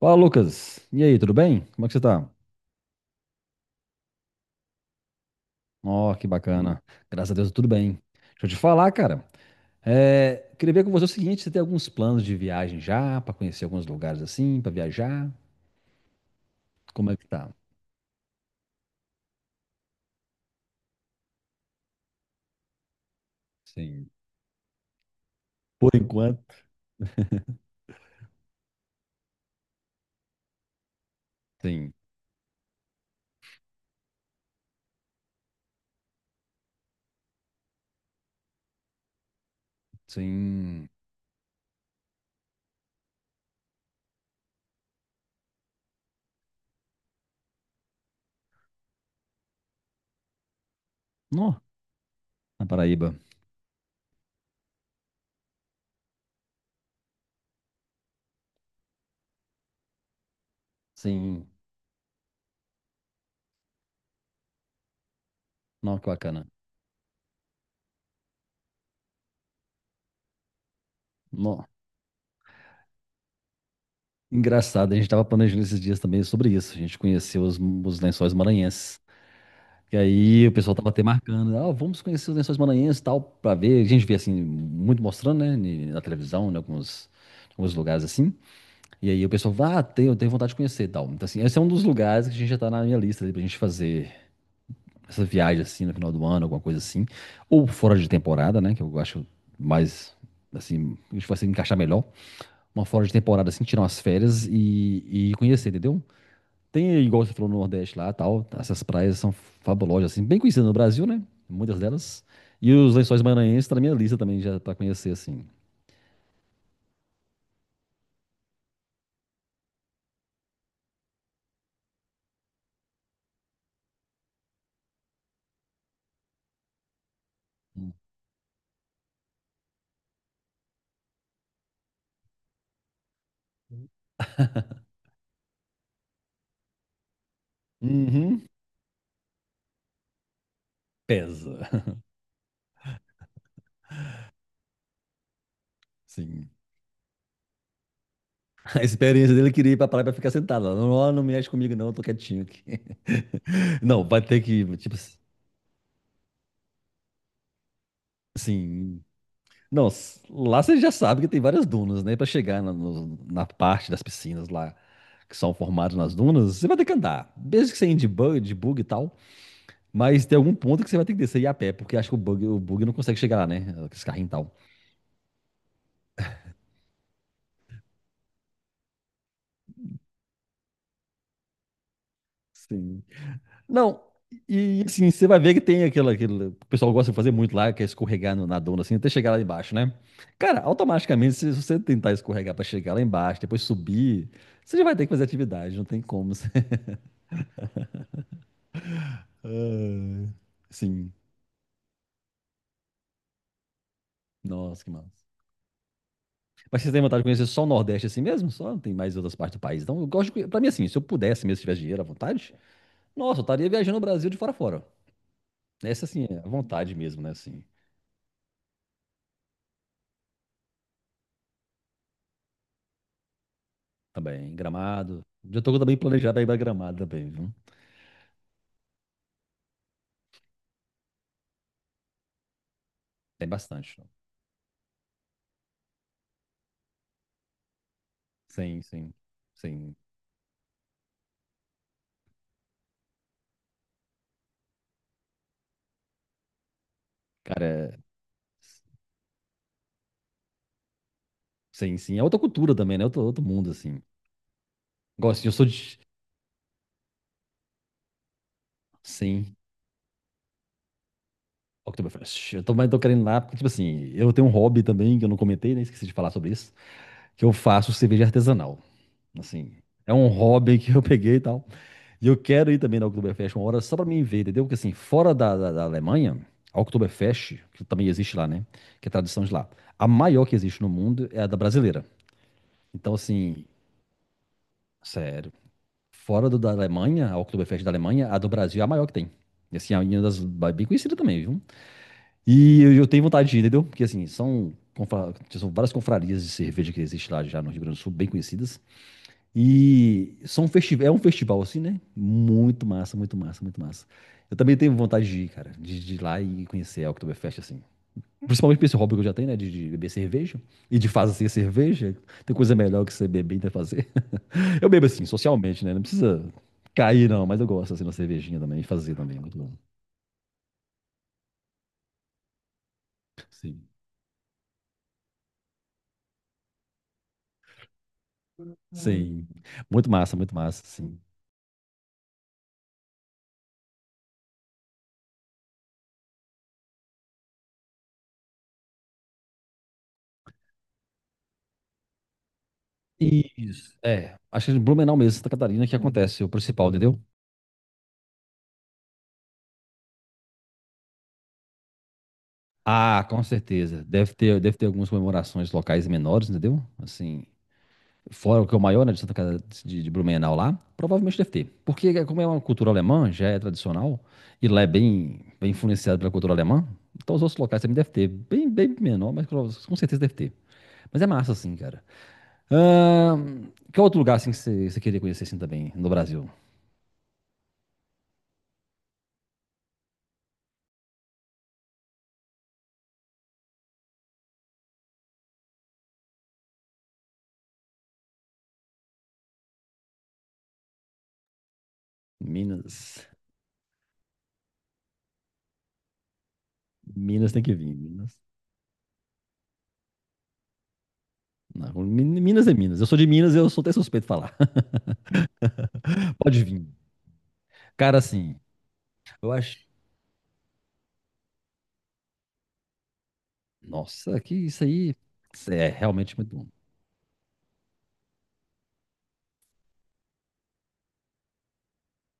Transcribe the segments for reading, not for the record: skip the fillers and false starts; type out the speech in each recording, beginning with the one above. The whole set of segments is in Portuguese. Fala, Lucas. E aí, tudo bem? Como é que você tá? Ó, que bacana. Graças a Deus, tudo bem. Deixa eu te falar, cara. Queria ver com você o seguinte, você tem alguns planos de viagem já, para conhecer alguns lugares assim, para viajar? Como é que tá? Sim. Por enquanto. Sim. Sim. Nó, na Paraíba. Sim. Nó, que bacana. Nó. Engraçado, a gente tava planejando esses dias também sobre isso. A gente conheceu os Lençóis Maranhenses. E aí o pessoal tava até marcando, ah, vamos conhecer os Lençóis Maranhenses e tal, pra ver. A gente vê assim, muito mostrando, né, na televisão, em alguns lugares assim. E aí o pessoal, ah, eu tenho vontade de conhecer e tal. Então, assim, esse é um dos lugares que a gente já tá na minha lista ali pra gente fazer essa viagem assim no final do ano, alguma coisa assim. Ou fora de temporada, né, que eu acho mais, assim, a gente vai se encaixar melhor. Uma fora de temporada assim, tirar umas férias e conhecer, entendeu? Tem, igual você falou, no Nordeste lá, tal. Essas praias são fabulosas, assim, bem conhecidas no Brasil, né? Muitas delas. E os Lençóis Maranhenses tá na minha lista também, já pra conhecer, assim. Uhum. Pesa. Sim. A experiência dele queria ir pra praia pra ficar sentado lá. Não, ó, não mexe comigo, não, eu tô quietinho aqui. Não, vai ter que, tipo, assim. Não, lá você já sabe que tem várias dunas, né? Pra chegar na, no- na parte das piscinas lá, que são formadas nas dunas, você vai ter que andar. Desde que você ande de bug e tal. Mas tem algum ponto que você vai ter que descer e ir a pé, porque acho que o bug não consegue chegar lá, né? Esse carrinho e tal. Sim. Não, e assim, você vai ver que tem aquele, o pessoal gosta de fazer muito lá, que é escorregar na dona, assim, até chegar lá embaixo, né? Cara, automaticamente, se você tentar escorregar pra chegar lá embaixo, depois subir, você já vai ter que fazer atividade, não tem como. Ah, sim, nossa, que massa. Mas você tem vontade de conhecer só o Nordeste assim mesmo? Só não tem mais outras partes do país. Então, eu gosto de... conhe- pra mim, assim, se eu pudesse mesmo, se tivesse dinheiro à vontade, nossa, eu estaria viajando o Brasil de fora a fora. Essa, assim, é à vontade mesmo, né? Assim, também. Gramado. Já tô também planejado aí pra Gramado também, viu? Tem bastante. Ó. Sim, sim. Sim. Cara, é... sim, sim. É outra cultura também, né? Outro mundo, assim. Gosto, assim, eu sou de. Sim. Oktoberfest. Eu tô, mas tô querendo ir lá, porque, tipo assim, eu tenho um hobby também que eu não comentei, né? Esqueci de falar sobre isso. Que eu faço cerveja artesanal. Assim, é um hobby que eu peguei e tal. E eu quero ir também na Oktoberfest uma hora só pra mim ver, entendeu? Porque assim, fora da Alemanha, a Oktoberfest, que também existe lá, né? Que é tradição de lá. A maior que existe no mundo é a da brasileira. Então, assim, sério. Fora da Alemanha, a Oktoberfest da Alemanha, a do Brasil é a maior que tem. E assim, é uma das bem conhecida também, viu? E eu tenho vontade de ir, entendeu? Porque assim, são várias confrarias de cerveja que existe lá já no Rio Grande do Sul, bem conhecidas. É um festival assim, né? Muito massa, muito massa, muito massa. Eu também tenho vontade de ir, cara, de ir lá e conhecer a Oktoberfest, assim. Principalmente por esse hobby que eu já tenho, né? De beber cerveja. E de fazer assim, cerveja. Tem coisa melhor que você beber e ainda fazer. Eu bebo assim, socialmente, né? Não precisa cair, não, mas eu gosto assim, de uma cervejinha também, fazer também. Muito bom. Sim. Sim. Muito massa, sim. Isso. Acho que em Blumenau mesmo, Santa Catarina, que acontece o principal, entendeu? Ah, com certeza. Deve ter algumas comemorações locais menores, entendeu? Assim, fora o que é o maior, né, de Santa Casa de Blumenau lá, provavelmente deve ter. Porque como é uma cultura alemã, já é tradicional, e lá é bem, bem influenciado pela cultura alemã, então os outros locais também deve ter. Bem, bem menor, mas com certeza deve ter. Mas é massa, assim, cara. Que outro lugar, assim, que você queria conhecer, assim, também, no Brasil? Minas. Minas tem que vir, Minas. Não, Minas é Minas. Eu sou de Minas, eu sou até suspeito de falar. Pode vir. Cara, assim, eu acho. Nossa, que isso aí é realmente muito bom.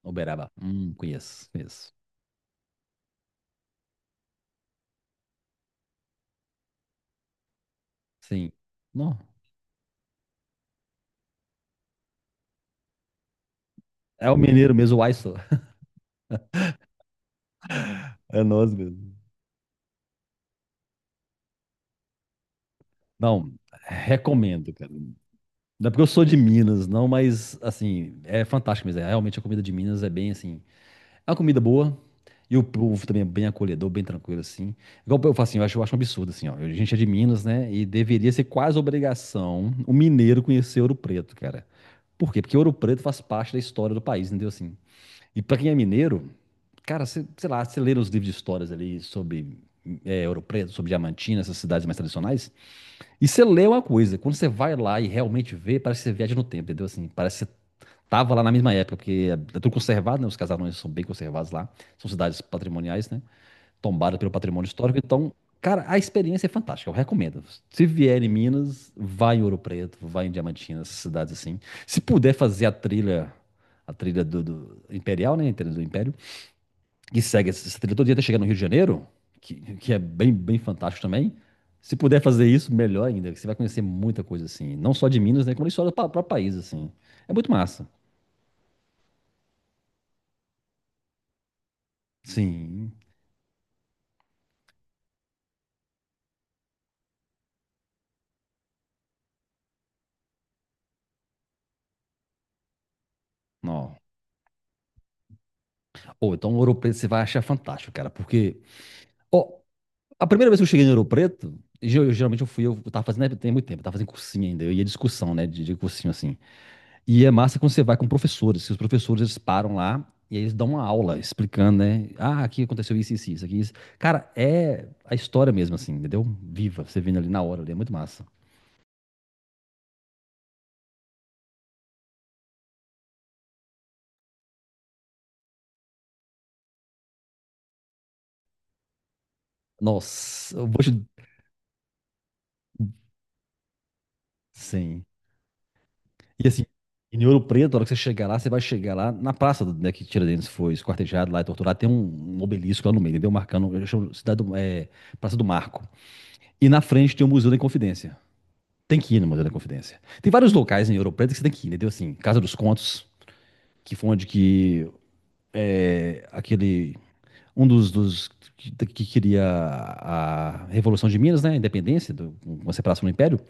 Uberaba. Conheço, conheço. Sim. Não. É o mineiro mesmo, o Aiso. É nós mesmo. Não, recomendo, cara. Não é porque eu sou de Minas, não, mas, assim, é fantástico mesmo. Realmente a comida de Minas é bem, assim, a comida boa. E o povo também é bem acolhedor, bem tranquilo, assim. Igual eu falo assim, eu acho um absurdo, assim, ó. A gente é de Minas, né? E deveria ser quase obrigação o mineiro conhecer Ouro Preto, cara. Por quê? Porque Ouro Preto faz parte da história do país, entendeu? Assim. E pra quem é mineiro, cara, sei lá, você lê nos livros de histórias ali sobre Ouro Preto, sobre Diamantina, essas cidades mais tradicionais, e você lê uma coisa. Quando você vai lá e realmente vê, parece que você viaja no tempo, entendeu? Assim, parece que você tava lá na mesma época, porque é tudo conservado, né? Os casarões são bem conservados lá. São cidades patrimoniais, né? Tombadas pelo patrimônio histórico. Então, cara, a experiência é fantástica. Eu recomendo. Se vier em Minas, vai em Ouro Preto, vai em Diamantina, essas cidades assim. Se puder fazer a trilha do Imperial, né? A trilha do Império, que segue essa trilha todo dia até chegar no Rio de Janeiro, que é bem, bem fantástico também. Se puder fazer isso, melhor ainda, que você vai conhecer muita coisa assim. Não só de Minas, né? Como a história do próprio país, assim. É muito massa. Sim. Não. Ou então o Ouro Preto você vai achar fantástico, cara, porque ó, a primeira vez que eu cheguei no Ouro Preto, geralmente eu fui, eu tava fazendo, né, tem muito tempo, eu tava fazendo cursinho ainda, eu ia discussão, né, de cursinho assim. E é massa quando você vai com professores, que os professores eles param lá e eles dão uma aula explicando, né? Ah, aqui aconteceu isso, isso, isso, aqui, isso. Cara, é a história mesmo assim, entendeu? Viva, você vendo ali na hora, ali, é muito massa. Nossa, eu vou te... Sim. E assim, em Ouro Preto, na hora que você chegar lá, você vai chegar lá na praça né, que Tiradentes foi esquartejado lá e torturado. Tem um obelisco lá no meio, entendeu? Marcando, eu chamo cidade Praça do Marco. E na frente tem o Museu da Inconfidência. Tem que ir no Museu da Inconfidência. Tem vários locais em Ouro Preto que você tem que ir, entendeu? Assim, Casa dos Contos, que foi onde que é, aquele um dos que queria a Revolução de Minas, né? A independência, uma separação do Império,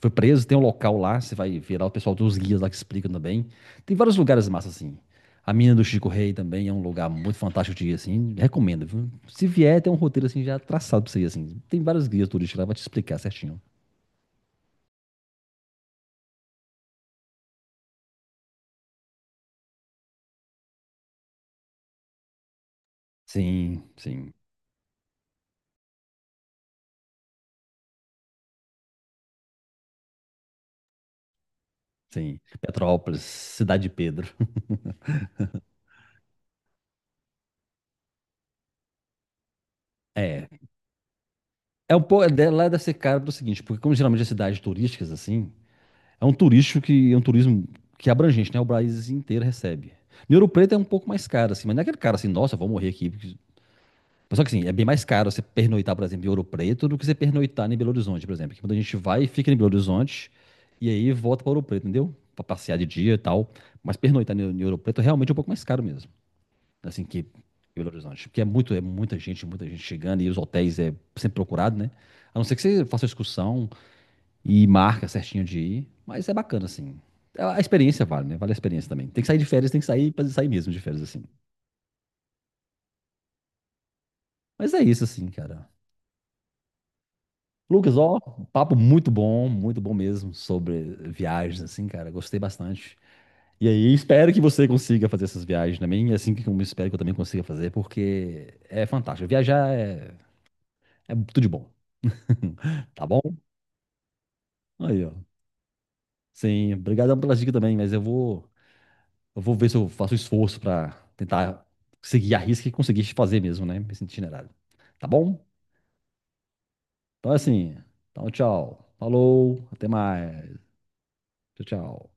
foi preso. Tem um local lá, você vai ver lá o pessoal dos guias lá que explicam também. Tem vários lugares massa assim. A mina do Chico Rei também é um lugar muito fantástico de ir, assim. Recomendo, viu? Se vier, tem um roteiro assim já traçado pra você ir, assim. Tem vários guias turísticos lá, vai te explicar certinho. Sim, sim, sim. Petrópolis, Cidade de Pedro. É. É um pouco. Lá deve ser caro pro seguinte, porque como geralmente é cidades turísticas, assim, é um turístico que é um turismo que é abrangente, né? O país inteiro recebe. Em Ouro Preto é um pouco mais caro, assim, mas não é aquele cara assim, nossa, vou morrer aqui. Mas só que assim, é bem mais caro você pernoitar, por exemplo, em Ouro Preto do que você pernoitar em Belo Horizonte, por exemplo. Que muita gente vai e fica em Belo Horizonte e aí volta para Ouro Preto, entendeu? Para passear de dia e tal. Mas pernoitar em Ouro Preto realmente é um pouco mais caro mesmo. Assim, que em Belo Horizonte. Porque é muita gente chegando e os hotéis é sempre procurado, né? A não ser que você faça uma excursão, e marca certinho de ir. Mas é bacana, assim. A experiência vale, né? Vale a experiência também. Tem que sair de férias, tem que sair pra sair mesmo de férias, assim. Mas é isso, assim, cara. Lucas, ó, papo muito bom mesmo sobre viagens, assim, cara. Gostei bastante. E aí, espero que você consiga fazer essas viagens também, e assim como eu espero que eu também consiga fazer, porque é fantástico. Viajar é tudo de bom. Tá bom? Aí, ó. Sim, obrigadão pelas dicas também, mas eu vou ver se eu faço esforço para tentar seguir a risca e conseguir fazer mesmo, né? Esse itinerário. Tá bom? Então é assim. Então, tchau. Falou. Até mais. Tchau, tchau.